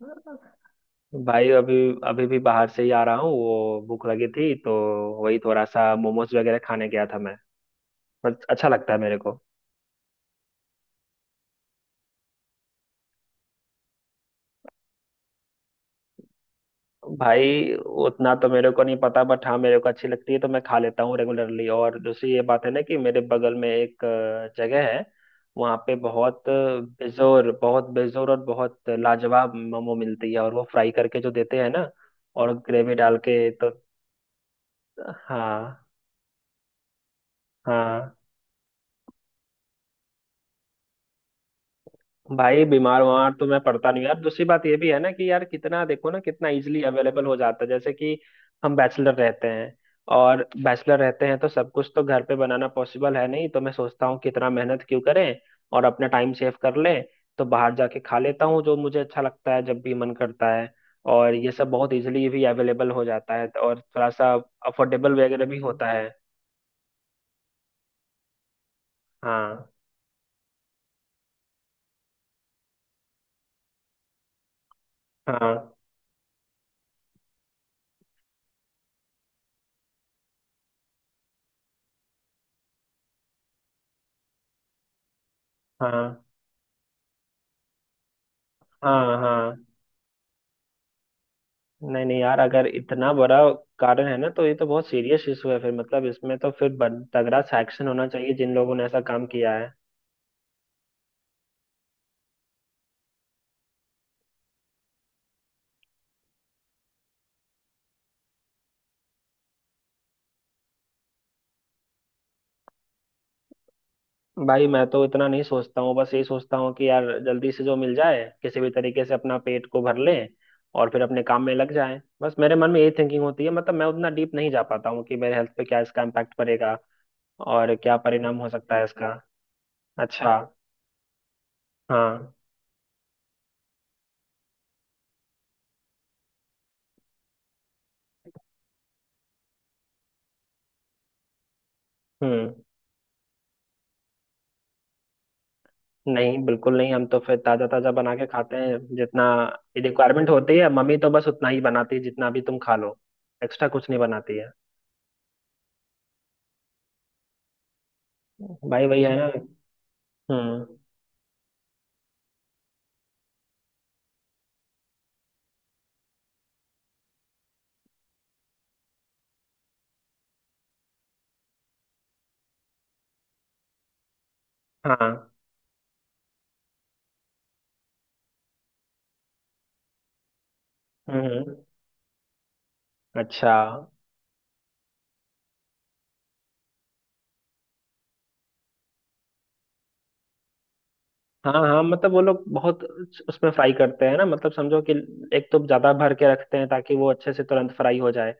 भाई, अभी अभी भी बाहर से ही आ रहा हूँ। वो भूख लगी थी तो वही थोड़ा सा मोमोज वगैरह खाने गया था मैं। पर अच्छा लगता है मेरे को। भाई, उतना तो मेरे को नहीं पता बट हाँ, मेरे को अच्छी लगती है तो मैं खा लेता हूँ रेगुलरली। और दूसरी ये बात है ना कि मेरे बगल में एक जगह है। वहाँ पे बहुत बेजोर, बहुत बेजोर और बहुत लाजवाब मोमो मिलती है, और वो फ्राई करके जो देते हैं ना, और ग्रेवी डाल के तो। हाँ। हाँ। भाई बीमार वार तो मैं पड़ता नहीं हूँ यार। दूसरी बात ये भी है ना कि यार, कितना देखो ना कितना इजीली अवेलेबल हो जाता है, जैसे कि हम बैचलर रहते हैं, और बैचलर रहते हैं तो सब कुछ तो घर पे बनाना पॉसिबल है नहीं, तो मैं सोचता हूँ कितना मेहनत क्यों करें और अपना टाइम सेव कर लें। तो बाहर जाके खा लेता हूँ जो मुझे अच्छा लगता है जब भी मन करता है। और ये सब बहुत इजीली भी अवेलेबल हो जाता है और थोड़ा सा अफोर्डेबल वगैरह भी होता है। हाँ। हाँ। हाँ। हाँ। हाँ। नहीं नहीं यार, अगर इतना बड़ा कारण है ना तो ये तो बहुत सीरियस इशू है। फिर मतलब इसमें तो फिर तगड़ा सैक्शन होना चाहिए जिन लोगों ने ऐसा काम किया है। भाई मैं तो इतना नहीं सोचता हूँ, बस यही सोचता हूँ कि यार जल्दी से जो मिल जाए किसी भी तरीके से अपना पेट को भर ले और फिर अपने काम में लग जाए। बस मेरे मन में यही थिंकिंग होती है। मतलब मैं उतना डीप नहीं जा पाता हूँ कि मेरे हेल्थ पे क्या इसका इम्पैक्ट पड़ेगा और क्या परिणाम हो सकता है इसका। अच्छा। हाँ। हम्म। नहीं, बिल्कुल नहीं, हम तो फिर ताजा ताजा बना के खाते हैं जितना रिक्वायरमेंट होती है। मम्मी तो बस उतना ही बनाती है जितना भी तुम खा लो, एक्स्ट्रा कुछ नहीं बनाती है। भाई वही है ना। हम्म। हाँ। हम्म। अच्छा। हाँ हाँ, मतलब वो लोग बहुत उसमें फ्राई करते हैं ना, मतलब समझो कि एक तो ज्यादा भर के रखते हैं ताकि वो अच्छे से तुरंत फ्राई हो जाए,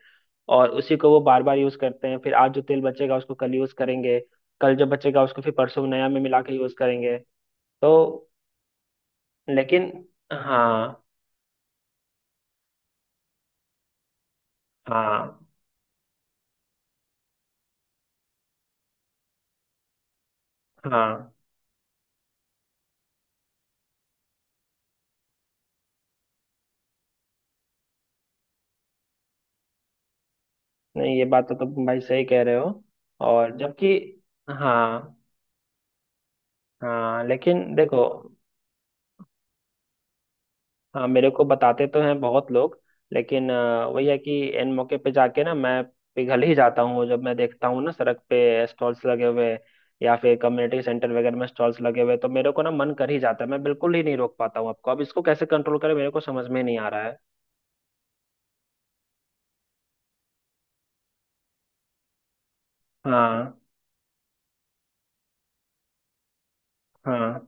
और उसी को वो बार बार यूज करते हैं। फिर आज जो तेल बचेगा उसको कल यूज करेंगे, कल जो बचेगा उसको फिर परसों नया में मिला के यूज करेंगे। तो लेकिन हाँ। हाँ। हाँ। नहीं, ये बात तो तुम भाई सही कह रहे हो। और जबकि हाँ। हाँ, लेकिन देखो। हाँ, मेरे को बताते तो हैं बहुत लोग, लेकिन वही है कि इन मौके पे जाके ना मैं पिघल ही जाता हूँ, जब मैं देखता हूँ ना सड़क पे स्टॉल्स लगे हुए या फिर कम्युनिटी सेंटर वगैरह में स्टॉल्स लगे हुए, तो मेरे को ना मन कर ही जाता है, मैं बिल्कुल ही नहीं रोक पाता हूँ आपको। अब इसको कैसे कंट्रोल करें मेरे को समझ में नहीं आ रहा है। हाँ। हाँ।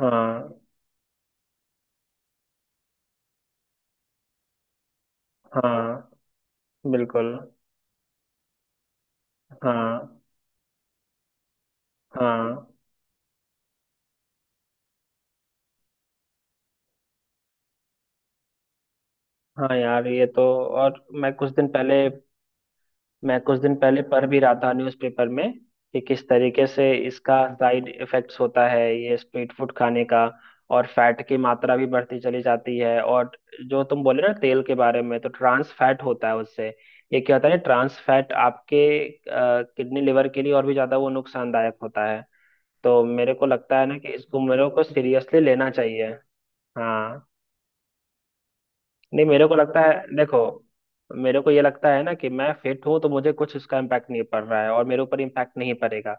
हाँ। हाँ। बिल्कुल। हाँ। हाँ। हाँ यार, ये तो। और मैं कुछ दिन पहले पढ़ भी रहा था न्यूज़पेपर में, कि किस तरीके से इसका साइड इफेक्ट्स होता है ये स्ट्रीट फूड खाने का। और फैट की मात्रा भी बढ़ती चली जाती है, और जो तुम बोले ना तेल के बारे में, तो ट्रांस फैट होता है उससे। ये क्या होता है ट्रांस फैट, आपके किडनी लिवर के लिए और भी ज़्यादा वो नुकसानदायक होता है। तो मेरे को लगता है ना कि इसको मेरे को सीरियसली लेना चाहिए। हाँ। नहीं, मेरे को लगता है देखो, मेरे को ये लगता है ना कि मैं फिट हूँ तो मुझे कुछ उसका इम्पैक्ट नहीं पड़ रहा है और मेरे ऊपर इम्पैक्ट नहीं पड़ेगा,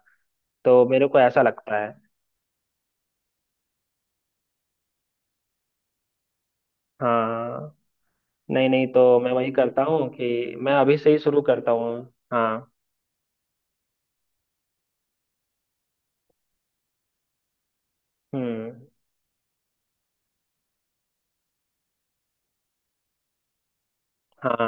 तो मेरे को ऐसा लगता है। हाँ। नहीं नहीं, तो मैं वही करता हूँ कि मैं अभी से ही शुरू करता हूँ। हाँ। हम्म। हाँ,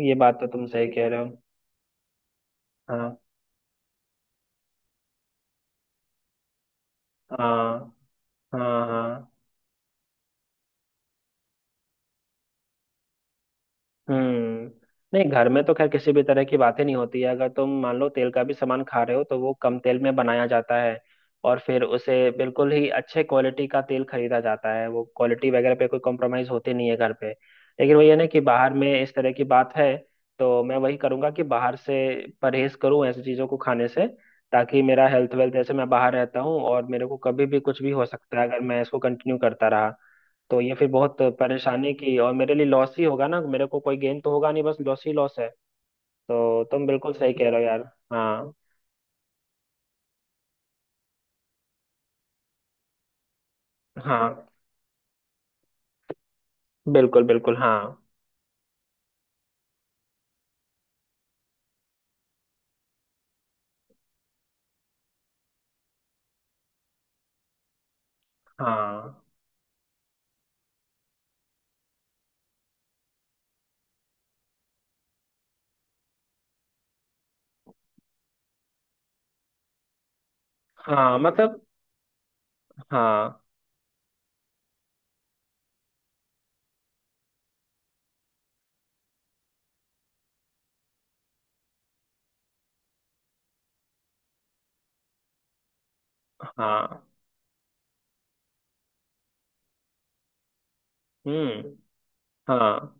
ये बात तो तुम सही कह रहे हो। हाँ। हाँ। हाँ। हाँ। हम्म। नहीं, घर में तो खैर किसी भी तरह की बातें नहीं होती है। अगर तुम मान लो तेल का भी सामान खा रहे हो, तो वो कम तेल में बनाया जाता है, और फिर उसे बिल्कुल ही अच्छे क्वालिटी का तेल खरीदा जाता है। वो क्वालिटी वगैरह पे कोई कॉम्प्रोमाइज होती नहीं है घर पे। लेकिन वही है ना कि बाहर में इस तरह की बात है, तो मैं वही करूंगा कि बाहर से परहेज करूं ऐसी चीज़ों को खाने से, ताकि मेरा हेल्थ वेल्थ, जैसे मैं बाहर रहता हूँ और मेरे को कभी भी कुछ भी हो सकता है अगर मैं इसको कंटिन्यू करता रहा, तो ये फिर बहुत परेशानी की, और मेरे लिए लॉस ही होगा ना, मेरे को कोई गेन तो होगा नहीं, बस लॉस ही लॉस है। तो तुम बिल्कुल सही कह रहे हो यार। हाँ। हाँ। बिल्कुल बिल्कुल। हाँ। हाँ। हाँ मतलब। हाँ। हाँ। हम्म। हाँ,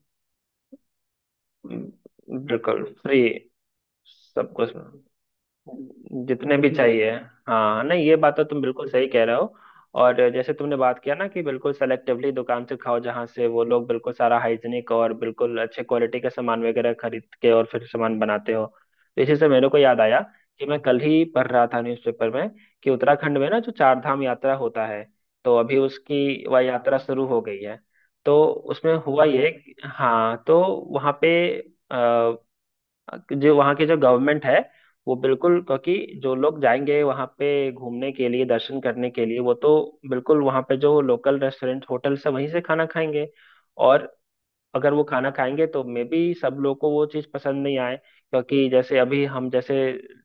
बिल्कुल फ्री। सब कुछ। जितने भी चाहिए। हाँ, नहीं, ये बात तो तुम बिल्कुल सही कह रहे हो। और जैसे तुमने बात किया ना कि बिल्कुल सेलेक्टिवली दुकान से खाओ जहाँ से वो लोग बिल्कुल सारा हाइजीनिक और बिल्कुल अच्छे क्वालिटी का सामान वगैरह खरीद के और फिर सामान बनाते हो, तो इसी से मेरे को याद आया कि मैं कल ही पढ़ रहा था न्यूज़पेपर में, कि उत्तराखंड में ना जो चार धाम यात्रा होता है, तो अभी उसकी वह यात्रा शुरू हो गई है। तो उसमें हुआ ये। हाँ, तो वहाँ पे, जो वहाँ की जो गवर्नमेंट है, वो बिल्कुल, क्योंकि जो लोग जाएंगे वहाँ पे घूमने के लिए, दर्शन करने के लिए, वो तो बिल्कुल वहाँ पे जो लोकल रेस्टोरेंट होटल से वहीं से खाना खाएंगे। और अगर वो खाना खाएंगे तो मे बी सब लोग को वो चीज़ पसंद नहीं आए, क्योंकि जैसे अभी हम जैसे,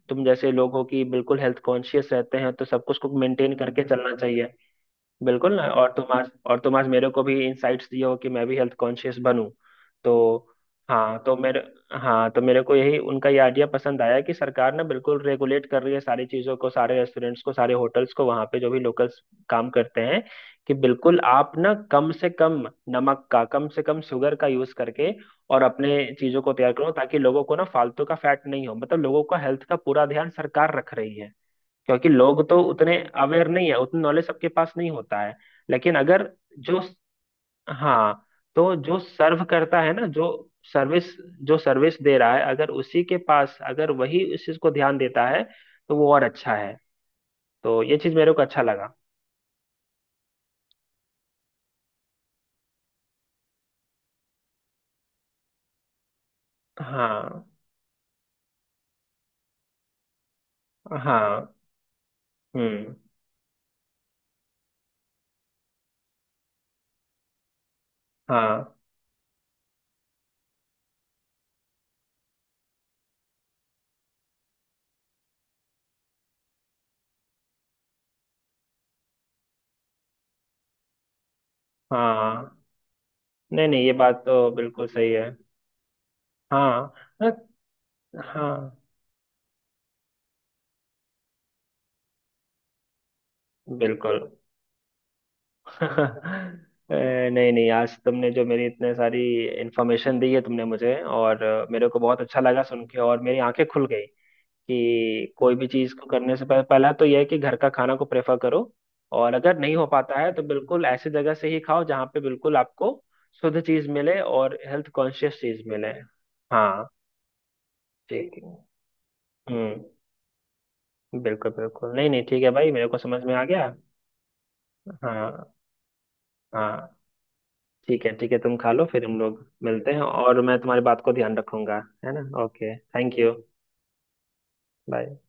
तुम जैसे लोग हो कि बिल्कुल हेल्थ कॉन्शियस रहते हैं, तो सब कुछ को मेंटेन करके चलना चाहिए। बिल्कुल ना। तुम आज मेरे को भी इनसाइट्स दिए हो कि मैं भी हेल्थ कॉन्शियस बनूं। तो हाँ तो मेरे हाँ तो मेरे को यही उनका ये आइडिया पसंद आया, कि सरकार ना बिल्कुल रेगुलेट कर रही है सारी चीज़ों को, सारे रेस्टोरेंट्स को, सारे होटल्स को, वहाँ पे जो भी लोकल्स काम करते हैं, कि बिल्कुल आप ना कम से कम नमक का, कम से कम शुगर का यूज़ करके, और अपने चीज़ों को तैयार करो, ताकि लोगों को ना फालतू का फैट नहीं हो। मतलब लोगों का हेल्थ का पूरा ध्यान सरकार रख रही है, क्योंकि लोग तो उतने अवेयर नहीं है, उतनी नॉलेज सबके पास नहीं होता है। लेकिन अगर जो, हाँ, तो जो सर्व करता है ना, सर्विस जो सर्विस दे रहा है, अगर उसी के पास, अगर वही उस चीज को ध्यान देता है, तो वो और अच्छा है। तो ये चीज मेरे को अच्छा लगा। हाँ। हाँ। हम्म। हाँ। हाँ। नहीं नहीं, ये बात तो बिल्कुल सही है। हाँ। हाँ। हाँ, बिल्कुल। नहीं नहीं, आज तुमने जो मेरी इतने सारी इन्फॉर्मेशन दी है तुमने मुझे, और मेरे को बहुत अच्छा लगा सुन के, और मेरी आंखें खुल गई कि कोई भी चीज़ को करने से पहले पहला तो यह है कि घर का खाना को प्रेफर करो, और अगर नहीं हो पाता है तो बिल्कुल ऐसी जगह से ही खाओ जहाँ पे बिल्कुल आपको शुद्ध चीज़ मिले और हेल्थ कॉन्शियस चीज़ मिले। हाँ। ठीक है। हम्म। बिल्कुल बिल्कुल, नहीं नहीं, ठीक है भाई, मेरे को समझ में आ गया। हाँ। हाँ। ठीक है, ठीक है, तुम खा लो फिर हम लोग मिलते हैं, और मैं तुम्हारी बात को ध्यान रखूंगा, है ना। Okay, thank you. बाय।